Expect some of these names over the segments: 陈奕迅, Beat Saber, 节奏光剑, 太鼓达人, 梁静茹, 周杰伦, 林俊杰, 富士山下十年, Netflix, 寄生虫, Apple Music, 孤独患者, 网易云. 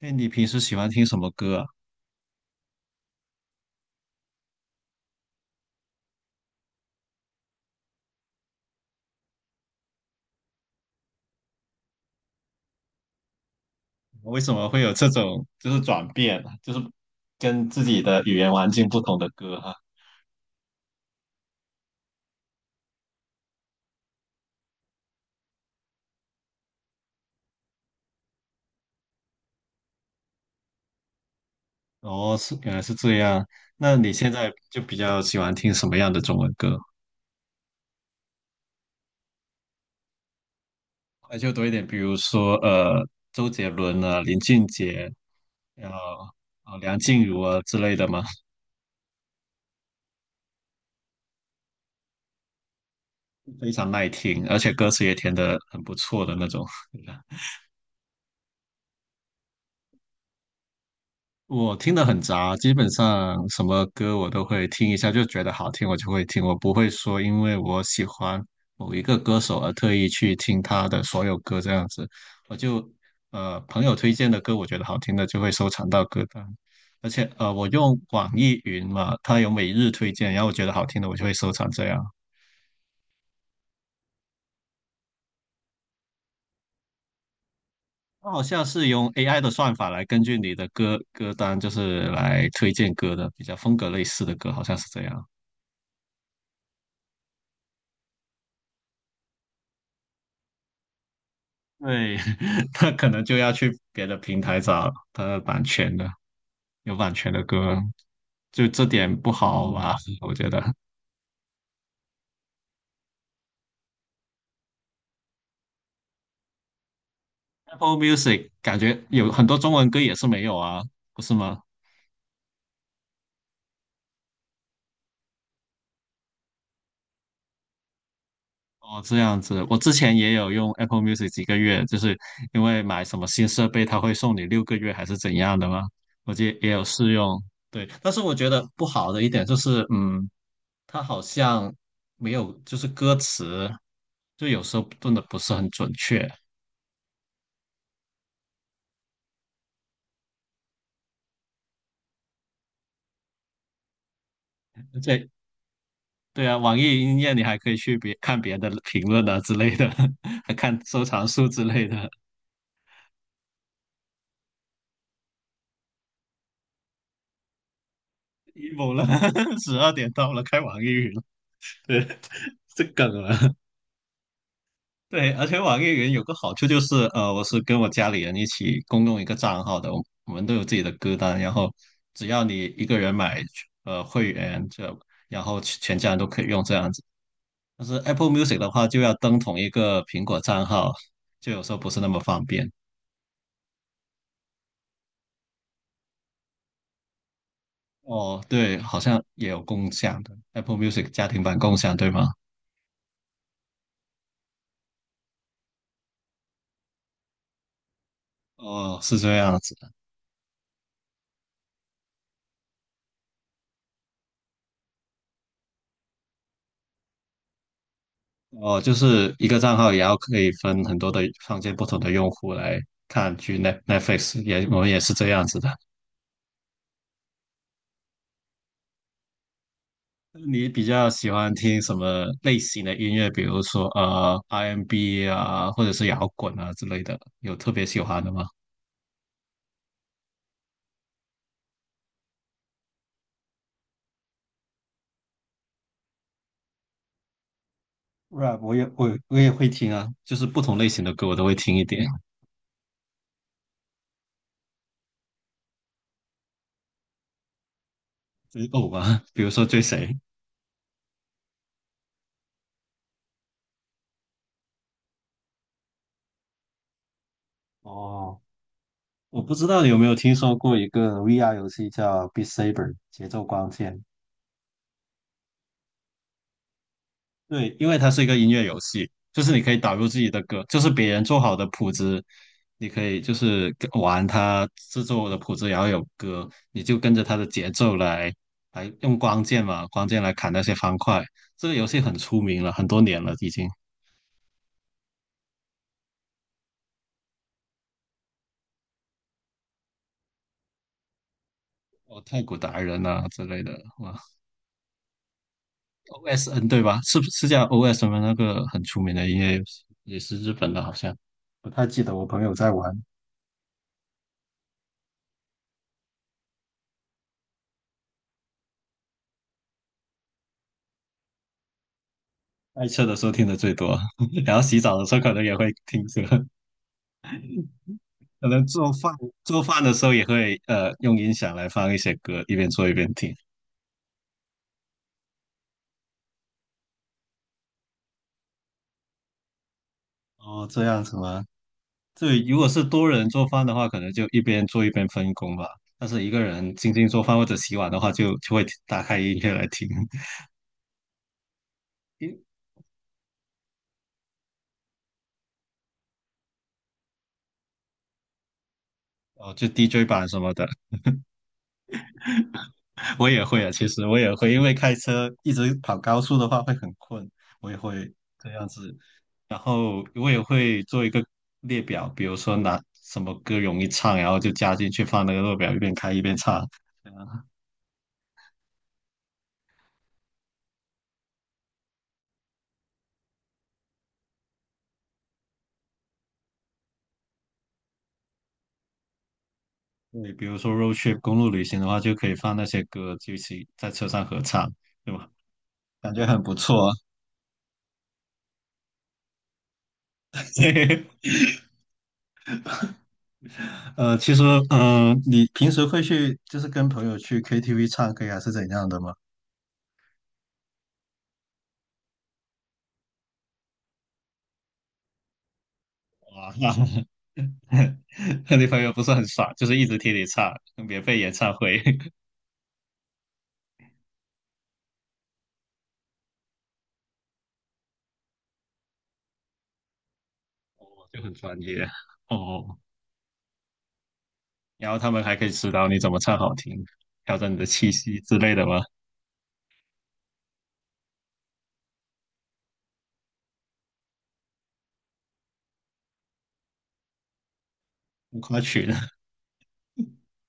哎，你平时喜欢听什么歌啊？为什么会有这种就是转变啊就是跟自己的语言环境不同的歌哈？哦，是原来是这样。那你现在就比较喜欢听什么样的中文歌？就多一点，比如说，周杰伦啊、林俊杰，然后啊梁静茹啊之类的嘛，非常耐听，而且歌词也填的很不错的那种。我听的很杂，基本上什么歌我都会听一下，就觉得好听我就会听，我不会说因为我喜欢某一个歌手而特意去听他的所有歌这样子。我就朋友推荐的歌，我觉得好听的就会收藏到歌单，而且我用网易云嘛，它有每日推荐，然后我觉得好听的我就会收藏这样。它好像是用 AI 的算法来根据你的歌单，就是来推荐歌的，比较风格类似的歌，好像是这样。对，他可能就要去别的平台找他的版权的，有版权的歌，就这点不好吧？我觉得 Apple Music 感觉有很多中文歌也是没有啊，不是吗？哦，这样子，我之前也有用 Apple Music 几个月，就是因为买什么新设备，它会送你6个月还是怎样的吗？我记得也有试用，对，但是我觉得不好的一点就是，嗯，它好像没有就是歌词，就有时候炖的不是很准确。对对啊，网易云音乐你还可以去别看别的评论啊之类的，还看收藏数之类的。emo 了，12点到了，开网易云了，对，这梗了。对，而且网易云有个好处就是，我是跟我家里人一起共用一个账号的，我们都有自己的歌单，然后只要你一个人买会员，然后全家人都可以用这样子。但是 Apple Music 的话，就要登同一个苹果账号，就有时候不是那么方便。哦，对，好像也有共享的 Apple Music 家庭版共享，对吗？哦，是这样子的。哦，就是一个账号也要可以分很多的创建不同的用户来看去 Net f l i x 也我们也是这样子的。你比较喜欢听什么类型的音乐？比如说R&B 啊，或者是摇滚啊之类的，有特别喜欢的吗？rap 我也会听啊，就是不同类型的歌我都会听一点，追偶吧，比如说追谁？哦，我不知道你有没有听说过一个 VR 游戏叫《Beat Saber》节奏光剑。对，因为它是一个音乐游戏，就是你可以导入自己的歌，就是别人做好的谱子，你可以就是跟玩它制作的谱子，然后有歌，你就跟着它的节奏来，来用光剑嘛，光剑来砍那些方块。这个游戏很出名了，很多年了已经，哦，太鼓达人啊之类的，哇，OSN 对吧？是不是叫 OSN 吗？那个很出名的音乐游戏，也是日本的，好像不太记得。我朋友在玩。开车的时候听的最多，然后洗澡的时候可能也会听着，可能做饭的时候也会用音响来放一些歌，一边做一边听。哦，这样子吗？对，如果是多人做饭的话，可能就一边做一边分工吧。但是一个人静静做饭或者洗碗的话就，就会打开音乐来听，哦，就 DJ 版什么的。我也会啊，其实我也会，因为开车一直跑高速的话会很困，我也会这样子。然后我也会做一个列表，比如说拿什么歌容易唱，然后就加进去放那个列表，一边开一边唱。对，比如说 road trip 公路旅行的话，就可以放那些歌，就一起在车上合唱，对吧？感觉很不错啊。对，其实，你平时会去就是跟朋友去 KTV 唱歌还是怎样的吗？哇，那你朋友 不是很爽，就是一直听你唱免费演唱会，就很专业哦。然后他们还可以指导你怎么唱好听，调整你的气息之类的吗？浮夸群，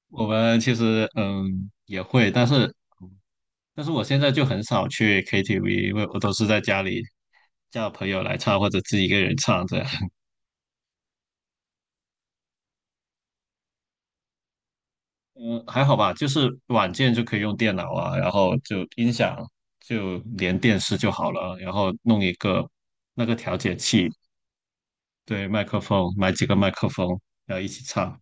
我们其实也会，但是我现在就很少去 KTV，因为我都是在家里叫朋友来唱或者自己一个人唱这样。嗯，还好吧，就是软件就可以用电脑啊，然后就音响就连电视就好了啊，然后弄一个那个调节器，对，麦克风，买几个麦克风，然后一起唱，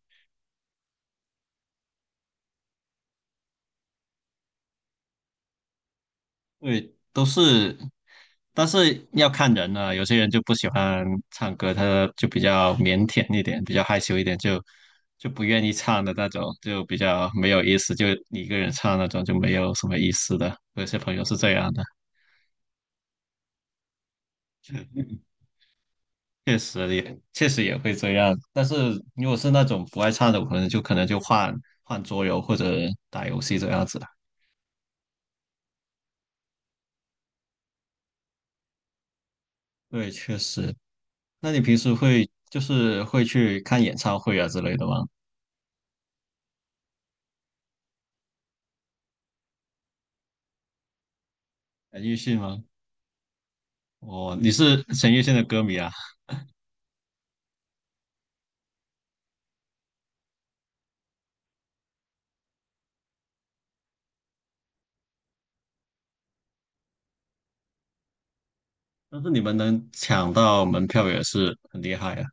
对，都是，但是要看人啊，有些人就不喜欢唱歌，他就比较腼腆一点，比较害羞一点，就不愿意唱的那种，就比较没有意思，就你一个人唱那种就没有什么意思的，有些朋友是这样的。确实也会这样，但是如果是那种不爱唱的，我可能就换换桌游或者打游戏这样子。对，确实。那你平时会就是会去看演唱会啊之类的吗？陈奕迅吗？哦，你是陈奕迅的歌迷啊，但是你们能抢到门票也是很厉害啊。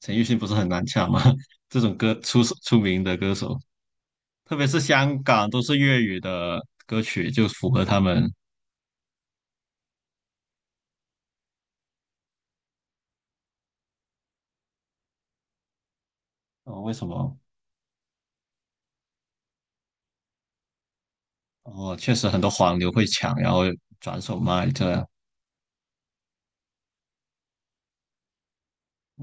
陈奕迅不是很难抢吗？这种歌出名的歌手，特别是香港都是粤语的歌曲，就符合他们。哦，为什么？哦，确实很多黄牛会抢，然后转手卖这样。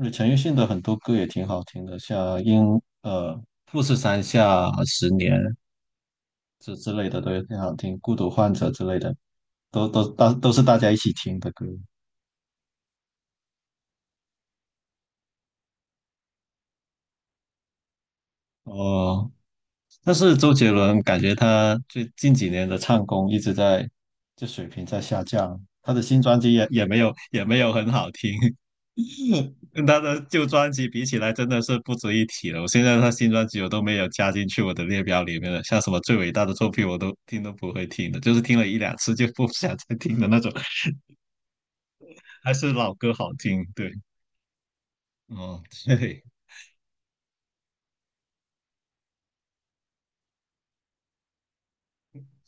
而陈奕迅的很多歌也挺好听的，像《英》呃《富士山下十年》之类的都也挺好听，《孤独患者》之类的大都是大家一起听的歌。哦，但是周杰伦感觉他最近几年的唱功一直在，就水平在下降，他的新专辑也没有很好听。跟他的旧专辑比起来，真的是不值一提了。我现在他新专辑我都没有加进去我的列表里面了，像什么最伟大的作品我都听都不会听的，就是听了一两次就不想再听的那种，还是老歌好听。对，哦，对，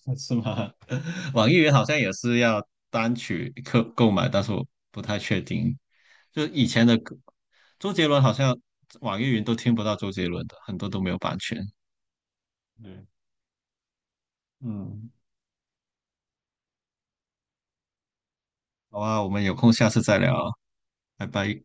是吗？网易云好像也是要单曲购买，但是我不太确定。就以前的歌，周杰伦好像网易云都听不到周杰伦的，很多都没有版权。对，嗯，好啊，我们有空下次再聊啊。拜拜。